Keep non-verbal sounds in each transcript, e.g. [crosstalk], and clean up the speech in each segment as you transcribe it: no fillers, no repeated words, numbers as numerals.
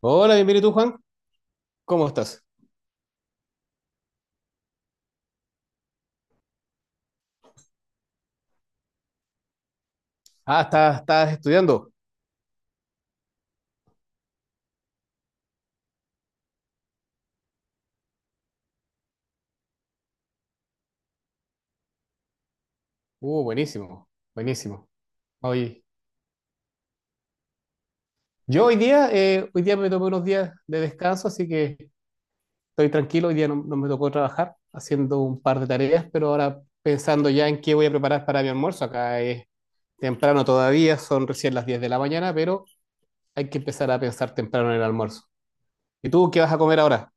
Hola, bienvenido tú, Juan. ¿Cómo estás? Ah, estás estudiando. Buenísimo, buenísimo. Hoy, yo hoy día, me tomé unos días de descanso, así que estoy tranquilo. Hoy día no me tocó trabajar haciendo un par de tareas, pero ahora pensando ya en qué voy a preparar para mi almuerzo. Acá es temprano todavía, son recién las 10 de la mañana, pero hay que empezar a pensar temprano en el almuerzo. ¿Y tú qué vas a comer ahora?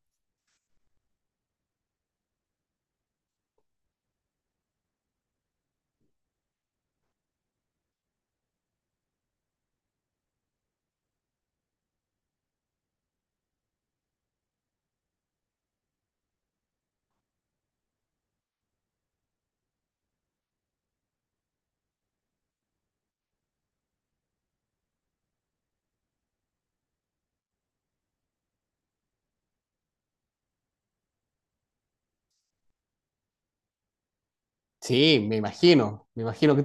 Sí, me imagino, me imagino.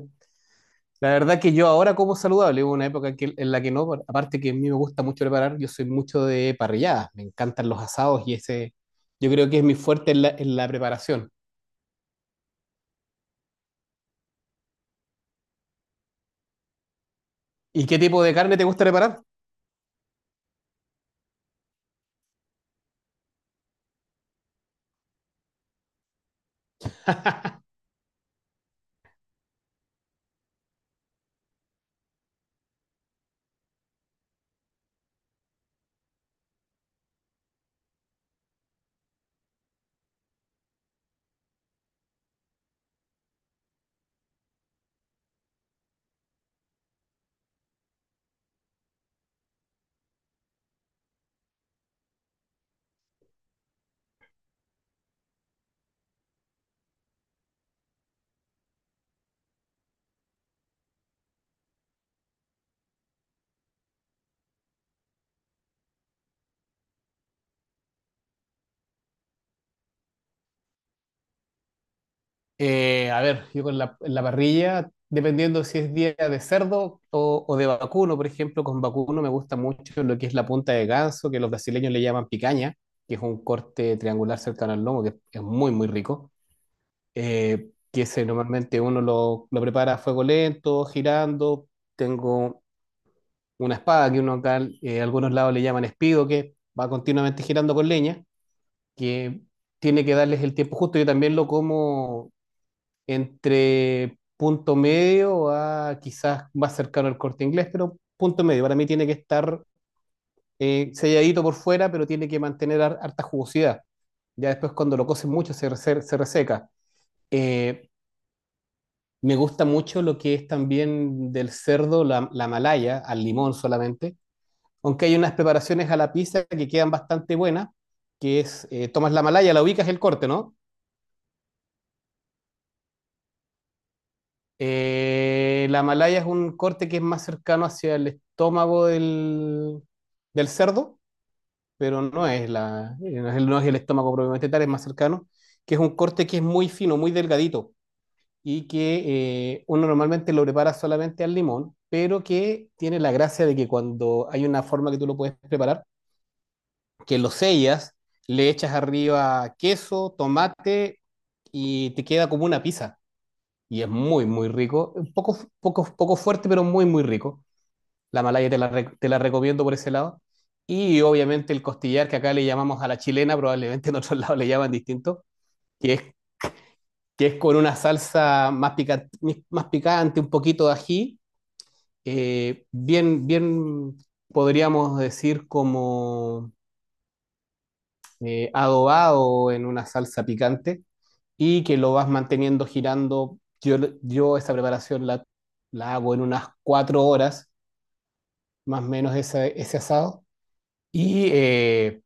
La verdad que yo ahora como saludable, hubo una época en la que no, aparte que a mí me gusta mucho preparar, yo soy mucho de parrilladas, me encantan los asados y ese, yo creo que es mi fuerte en la preparación. ¿Y qué tipo de carne te gusta preparar? A ver, yo en la parrilla, dependiendo si es día de cerdo o de vacuno, por ejemplo, con vacuno me gusta mucho lo que es la punta de ganso, que los brasileños le llaman picaña, que es un corte triangular cercano al lomo, que es muy, muy rico. Que ese normalmente uno lo prepara a fuego lento, girando. Tengo una espada que uno acá, algunos lados le llaman espido, que va continuamente girando con leña, que tiene que darles el tiempo justo. Yo también lo como entre punto medio a quizás más cercano al corte inglés, pero punto medio. Para mí tiene que estar selladito por fuera, pero tiene que mantener harta jugosidad. Ya después cuando lo coces mucho se reseca. Eh, Me gusta mucho lo que es también del cerdo, la malaya, al limón solamente, aunque hay unas preparaciones a la pizza que quedan bastante buenas, tomas la malaya, la ubicas el corte, ¿no? La malaya es un corte que es más cercano hacia el estómago del cerdo, pero no es, la, no es el, no es el estómago propiamente tal, es más cercano, que es un corte que es muy fino, muy delgadito. Y que uno normalmente lo prepara solamente al limón, pero que tiene la gracia de que cuando hay una forma que tú lo puedes preparar, que lo sellas, le echas arriba queso, tomate y te queda como una pizza. Y es muy, muy rico. Un poco, poco, poco fuerte, pero muy, muy rico. La malaya te la recomiendo por ese lado. Y obviamente el costillar, que acá le llamamos a la chilena, probablemente en otros [laughs] lados le llaman distinto, que es, que es, con una salsa más picante, un poquito de ají, bien, bien podríamos decir como adobado en una salsa picante y que lo vas manteniendo girando. Yo esa preparación la hago en unas 4 horas, más o menos ese asado, y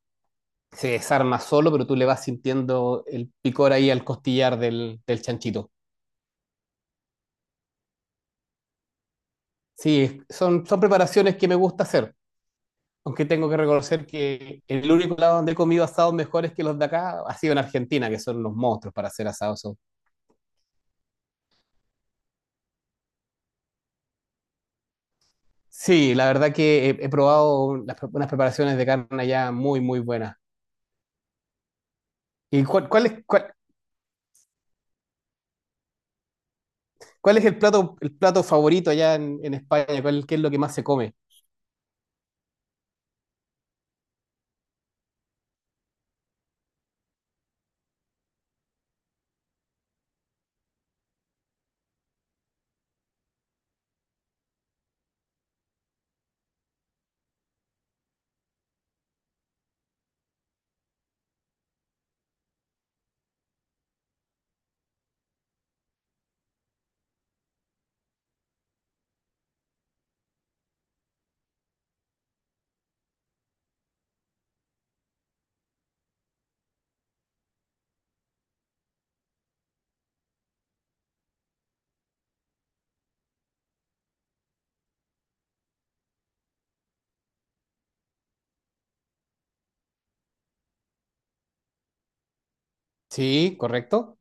se desarma solo, pero tú le vas sintiendo el picor ahí al costillar del chanchito. Sí, son preparaciones que me gusta hacer. Aunque tengo que reconocer que el único lado donde he comido asados mejores que los de acá ha sido en Argentina, que son unos monstruos para hacer asados. Sí, la verdad que he probado unas preparaciones de carne allá muy, muy buenas. ¿Y cuál es el plato, favorito allá en España? ¿Qué es lo que más se come? Sí, correcto.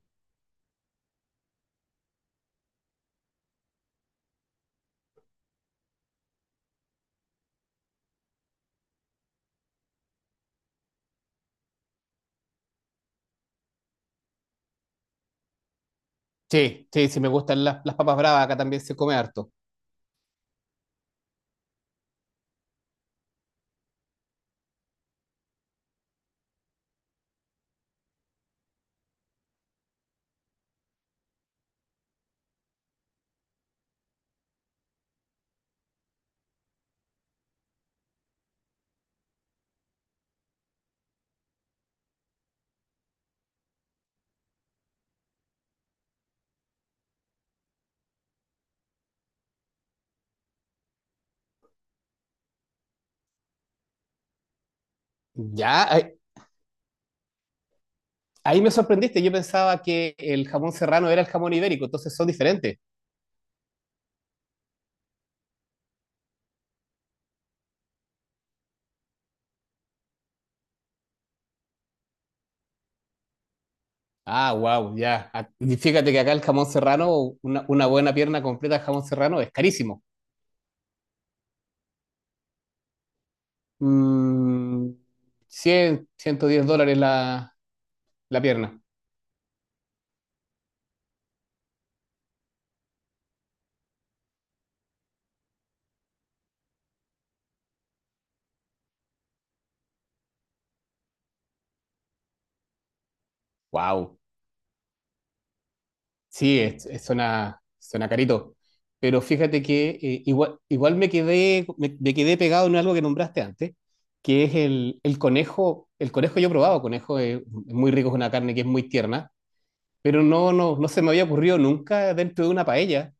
Sí, sí, sí, me gustan las papas bravas, acá también se come harto. Ya, ahí me sorprendiste, yo pensaba que el jamón serrano era el jamón ibérico, entonces son diferentes. Ah, wow, ya. Ah, y fíjate que acá el jamón serrano, una buena pierna completa de jamón serrano es carísimo. Mm, 100, $110 la, pierna. Wow. Sí, suena carito. Pero fíjate que igual me quedé, me quedé pegado en algo que nombraste antes, que es el conejo. El conejo yo he probado, conejo es muy rico, es una carne que es muy tierna, pero no se me había ocurrido nunca dentro de una paella.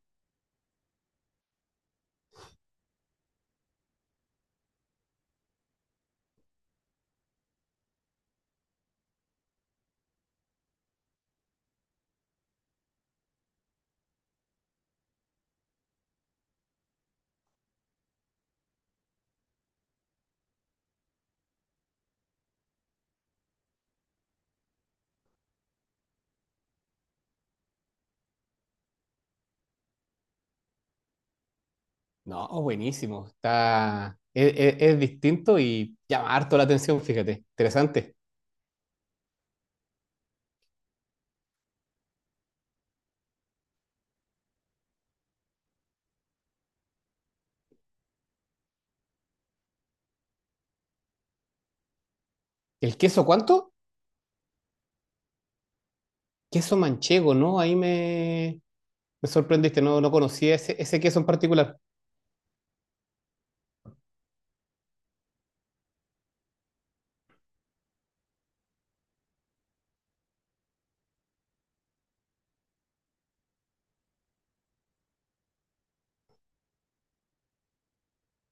No, buenísimo. Es distinto y llama harto la atención, fíjate. Interesante. ¿El queso cuánto? Queso manchego, ¿no? Ahí me sorprendiste, no conocía ese queso en particular.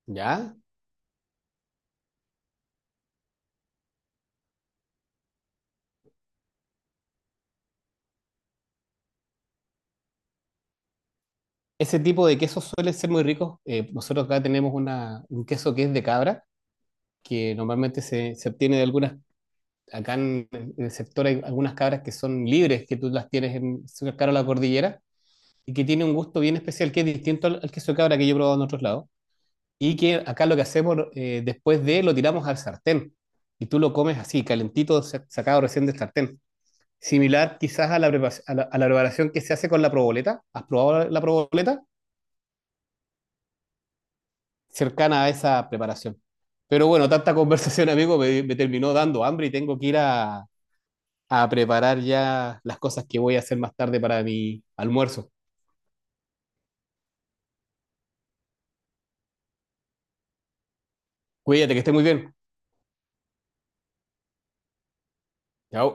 ¿Ya? Ese tipo de quesos suelen ser muy ricos. Nosotros acá tenemos un queso que es de cabra, que normalmente se obtiene de algunas, acá en, el sector hay algunas cabras que son libres, que tú las tienes cercano a la cordillera, y que tiene un gusto bien especial, que es distinto al queso de cabra que yo he probado en otros lados, y que acá lo que hacemos después de lo tiramos al sartén y tú lo comes así, calentito, sacado recién del sartén. Similar quizás a la, a la preparación que se hace con la proboleta. ¿Has probado la, la Cercana a esa preparación. Pero bueno, tanta [laughs] conversación, amigo, me terminó dando hambre y tengo que ir a preparar ya las cosas que voy a hacer más tarde para mi almuerzo. Cuídate, que esté muy bien. Chao.